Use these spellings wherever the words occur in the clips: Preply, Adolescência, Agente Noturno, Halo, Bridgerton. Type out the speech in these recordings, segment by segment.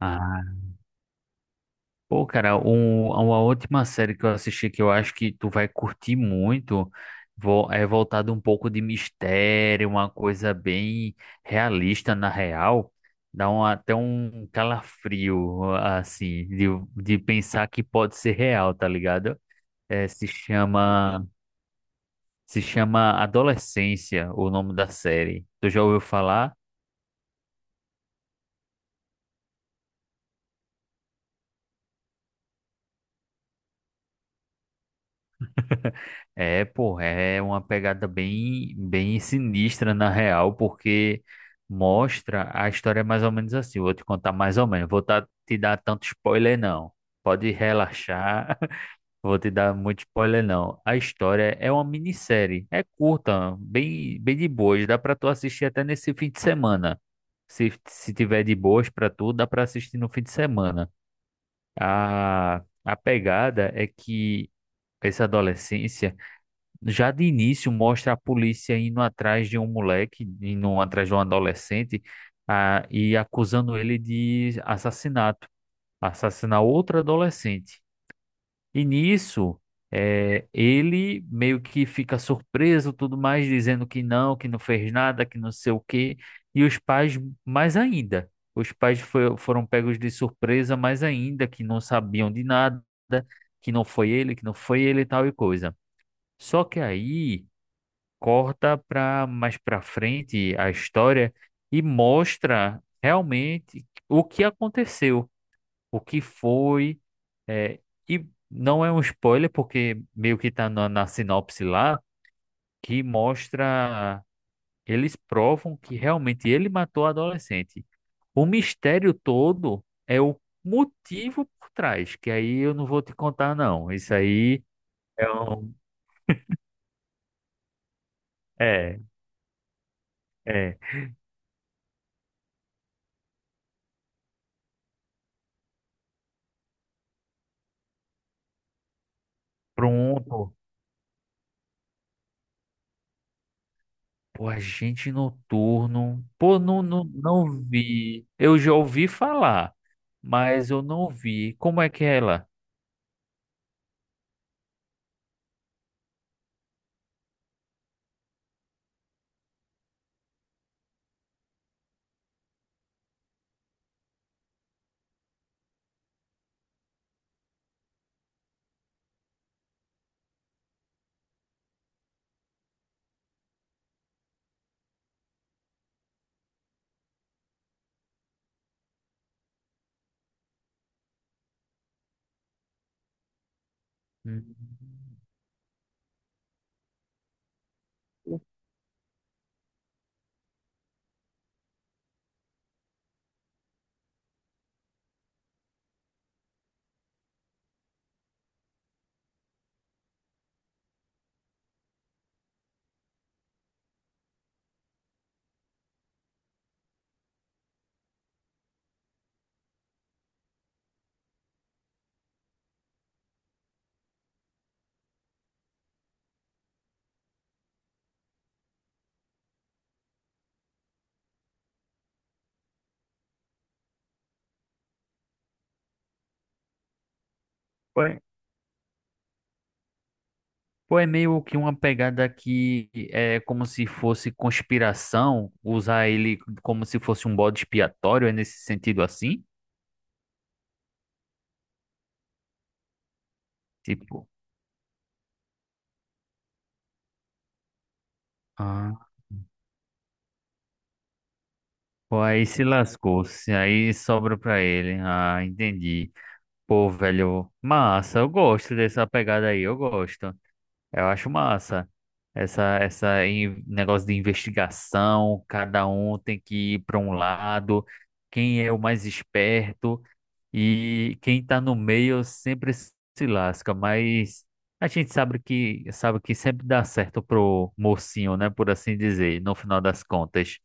Ah, pô, cara, uma última série que eu assisti que eu acho que tu vai curtir muito é voltado um pouco de mistério, uma coisa bem realista na real. Dá até um calafrio, assim, de pensar que pode ser real, tá ligado? É, se chama, se chama Adolescência, o nome da série. Tu já ouviu falar? É, pô, é uma pegada bem sinistra na real, porque mostra a história mais ou menos assim. Vou te contar mais ou menos. Vou te dar tanto spoiler, não. Pode relaxar. Vou te dar muito spoiler, não. A história é uma minissérie. É curta, bem de boas. Dá pra tu assistir até nesse fim de semana. Se se, tiver de boas pra tu, dá pra assistir no fim de semana. A pegada é que essa adolescência. Já de início mostra a polícia indo atrás de um moleque, indo atrás de um adolescente, e acusando ele de assassinato, assassinar outra adolescente. E nisso, ele meio que fica surpreso, tudo mais, dizendo que não fez nada, que não sei o quê. E os pais, mais ainda, os pais foram pegos de surpresa, mais ainda, que não sabiam de nada, que não foi ele, e tal e coisa. Só que aí corta para mais para frente a história e mostra realmente o que aconteceu, o que foi, é, e não é um spoiler porque meio que está na sinopse lá que mostra eles provam que realmente ele matou a adolescente. O mistério todo é o motivo por trás, que aí eu não vou te contar não. Isso aí é um, é, é Pronto. Pô, Agente Noturno. Pô, não vi. Eu já ouvi falar, mas eu não vi. Como é que é ela? Hum. Pô, é pô, é meio que uma pegada que é como se fosse conspiração, usar ele como se fosse um bode expiatório, é nesse sentido assim? Tipo, ah, pô, aí se lascou, se aí sobra pra ele. Ah, entendi. Pô, velho, massa, eu gosto dessa pegada aí, eu gosto. Eu acho massa. Negócio de investigação, cada um tem que ir para um lado, quem é o mais esperto e quem está no meio sempre se lasca, mas a gente sabe que sempre dá certo pro mocinho, né, por assim dizer, no final das contas.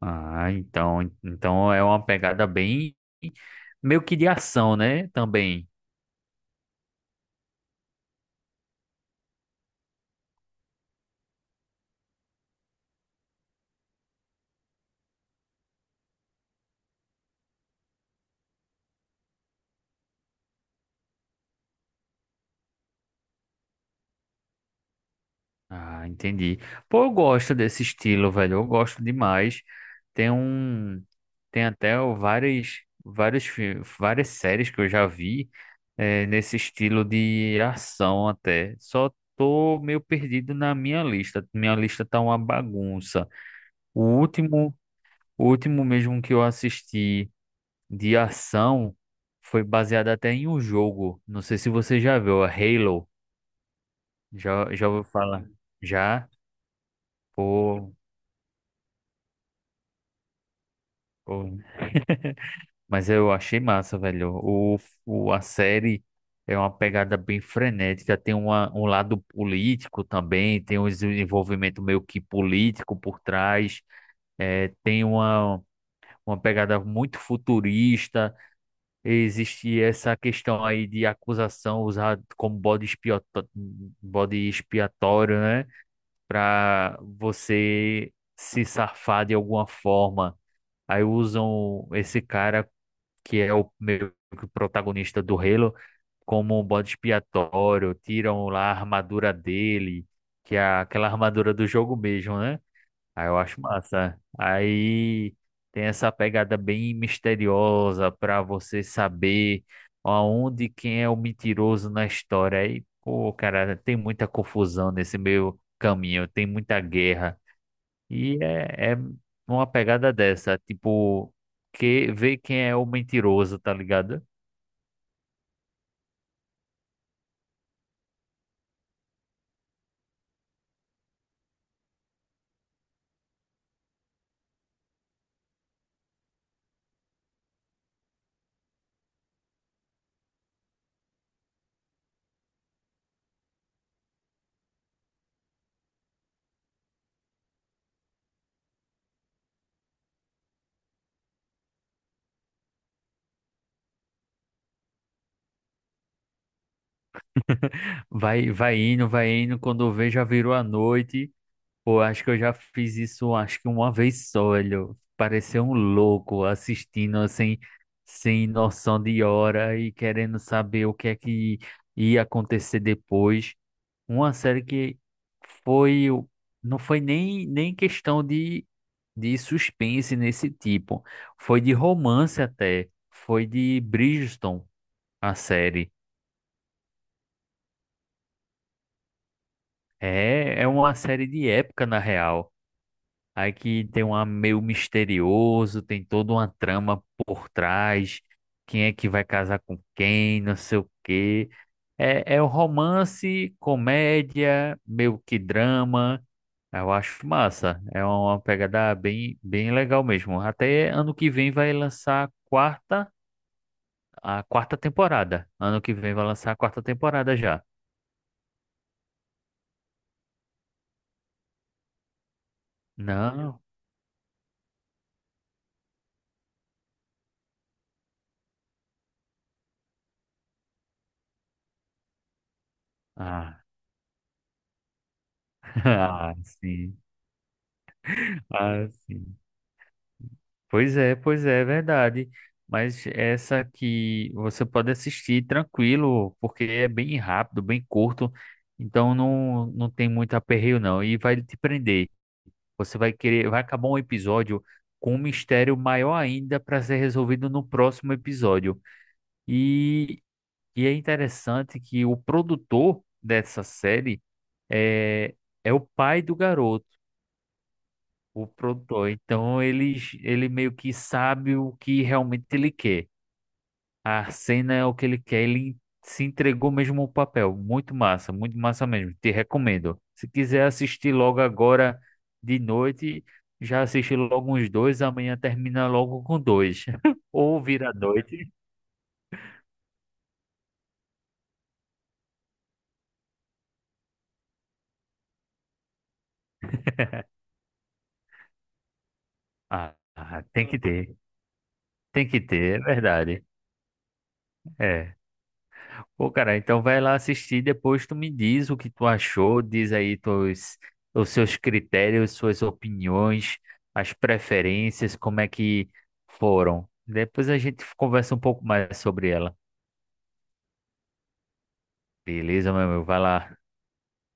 Ah, então é uma pegada bem meio que de ação, né, também. Ah, entendi. Pô, eu gosto desse estilo, velho. Eu gosto demais. Tem um, tem até várias séries que eu já vi nesse estilo de ação até. Só tô meio perdido na minha lista. Minha lista tá uma bagunça. O último, o último mesmo que eu assisti de ação foi baseado até em um jogo. Não sei se você já viu, a Halo. Já ouviu falar? Já? Pô. pô, Mas eu achei massa, velho. A série é uma pegada bem frenética. Um lado político também, tem um desenvolvimento meio que político por trás. Tem uma pegada muito futurista. Existe essa questão aí de acusação usada como bode expiatório, né? Para você se safar de alguma forma. Aí usam esse cara que é o meio que o protagonista do Halo, como um bode expiatório, tiram lá a armadura dele, que é aquela armadura do jogo mesmo, né? Aí eu acho massa. Aí tem essa pegada bem misteriosa para você saber aonde quem é o mentiroso na história. Aí, pô, cara, tem muita confusão nesse meio caminho, tem muita guerra. É uma pegada dessa, tipo, que ver quem é o mentiroso, tá ligado? Vai vai indo, quando vê já virou a noite. Pô, acho que eu já fiz isso, acho que uma vez só, olho. Parecer um louco assistindo sem noção de hora e querendo saber o que é que ia acontecer depois. Uma série que foi, o- não foi nem questão de suspense nesse tipo. Foi de romance até. Foi de Bridgerton, a série. É uma série de época, na real. Aí que tem um ar meio misterioso, tem toda uma trama por trás, quem é que vai casar com quem, não sei o quê. É um romance, comédia, meio que drama. Eu acho massa. É uma pegada bem legal mesmo. Até ano que vem vai lançar a quarta temporada. Ano que vem vai lançar a quarta temporada já. Não? Ah, ah, sim. Ah, sim. Pois é, é verdade. Mas essa que você pode assistir tranquilo, porque é bem rápido, bem curto, então não tem muito aperreio não. E vai te prender. Você vai querer, vai acabar um episódio com um mistério maior ainda para ser resolvido no próximo episódio. E, e é interessante que o produtor dessa série é, é o pai do garoto o produtor. Ele meio que sabe o que realmente ele quer. A cena é o que ele quer, ele se entregou mesmo ao papel. Muito massa mesmo. Te recomendo. Se quiser assistir logo agora de noite, já assiste logo uns dois, amanhã termina logo com dois. Ou vira à noite. Tem que ter, é verdade. É. Pô, cara, então vai lá assistir, depois tu me diz o que tu achou, diz aí tuas, os seus critérios, suas opiniões, as preferências, como é que foram. Depois a gente conversa um pouco mais sobre ela. Beleza, meu amigo? Vai lá.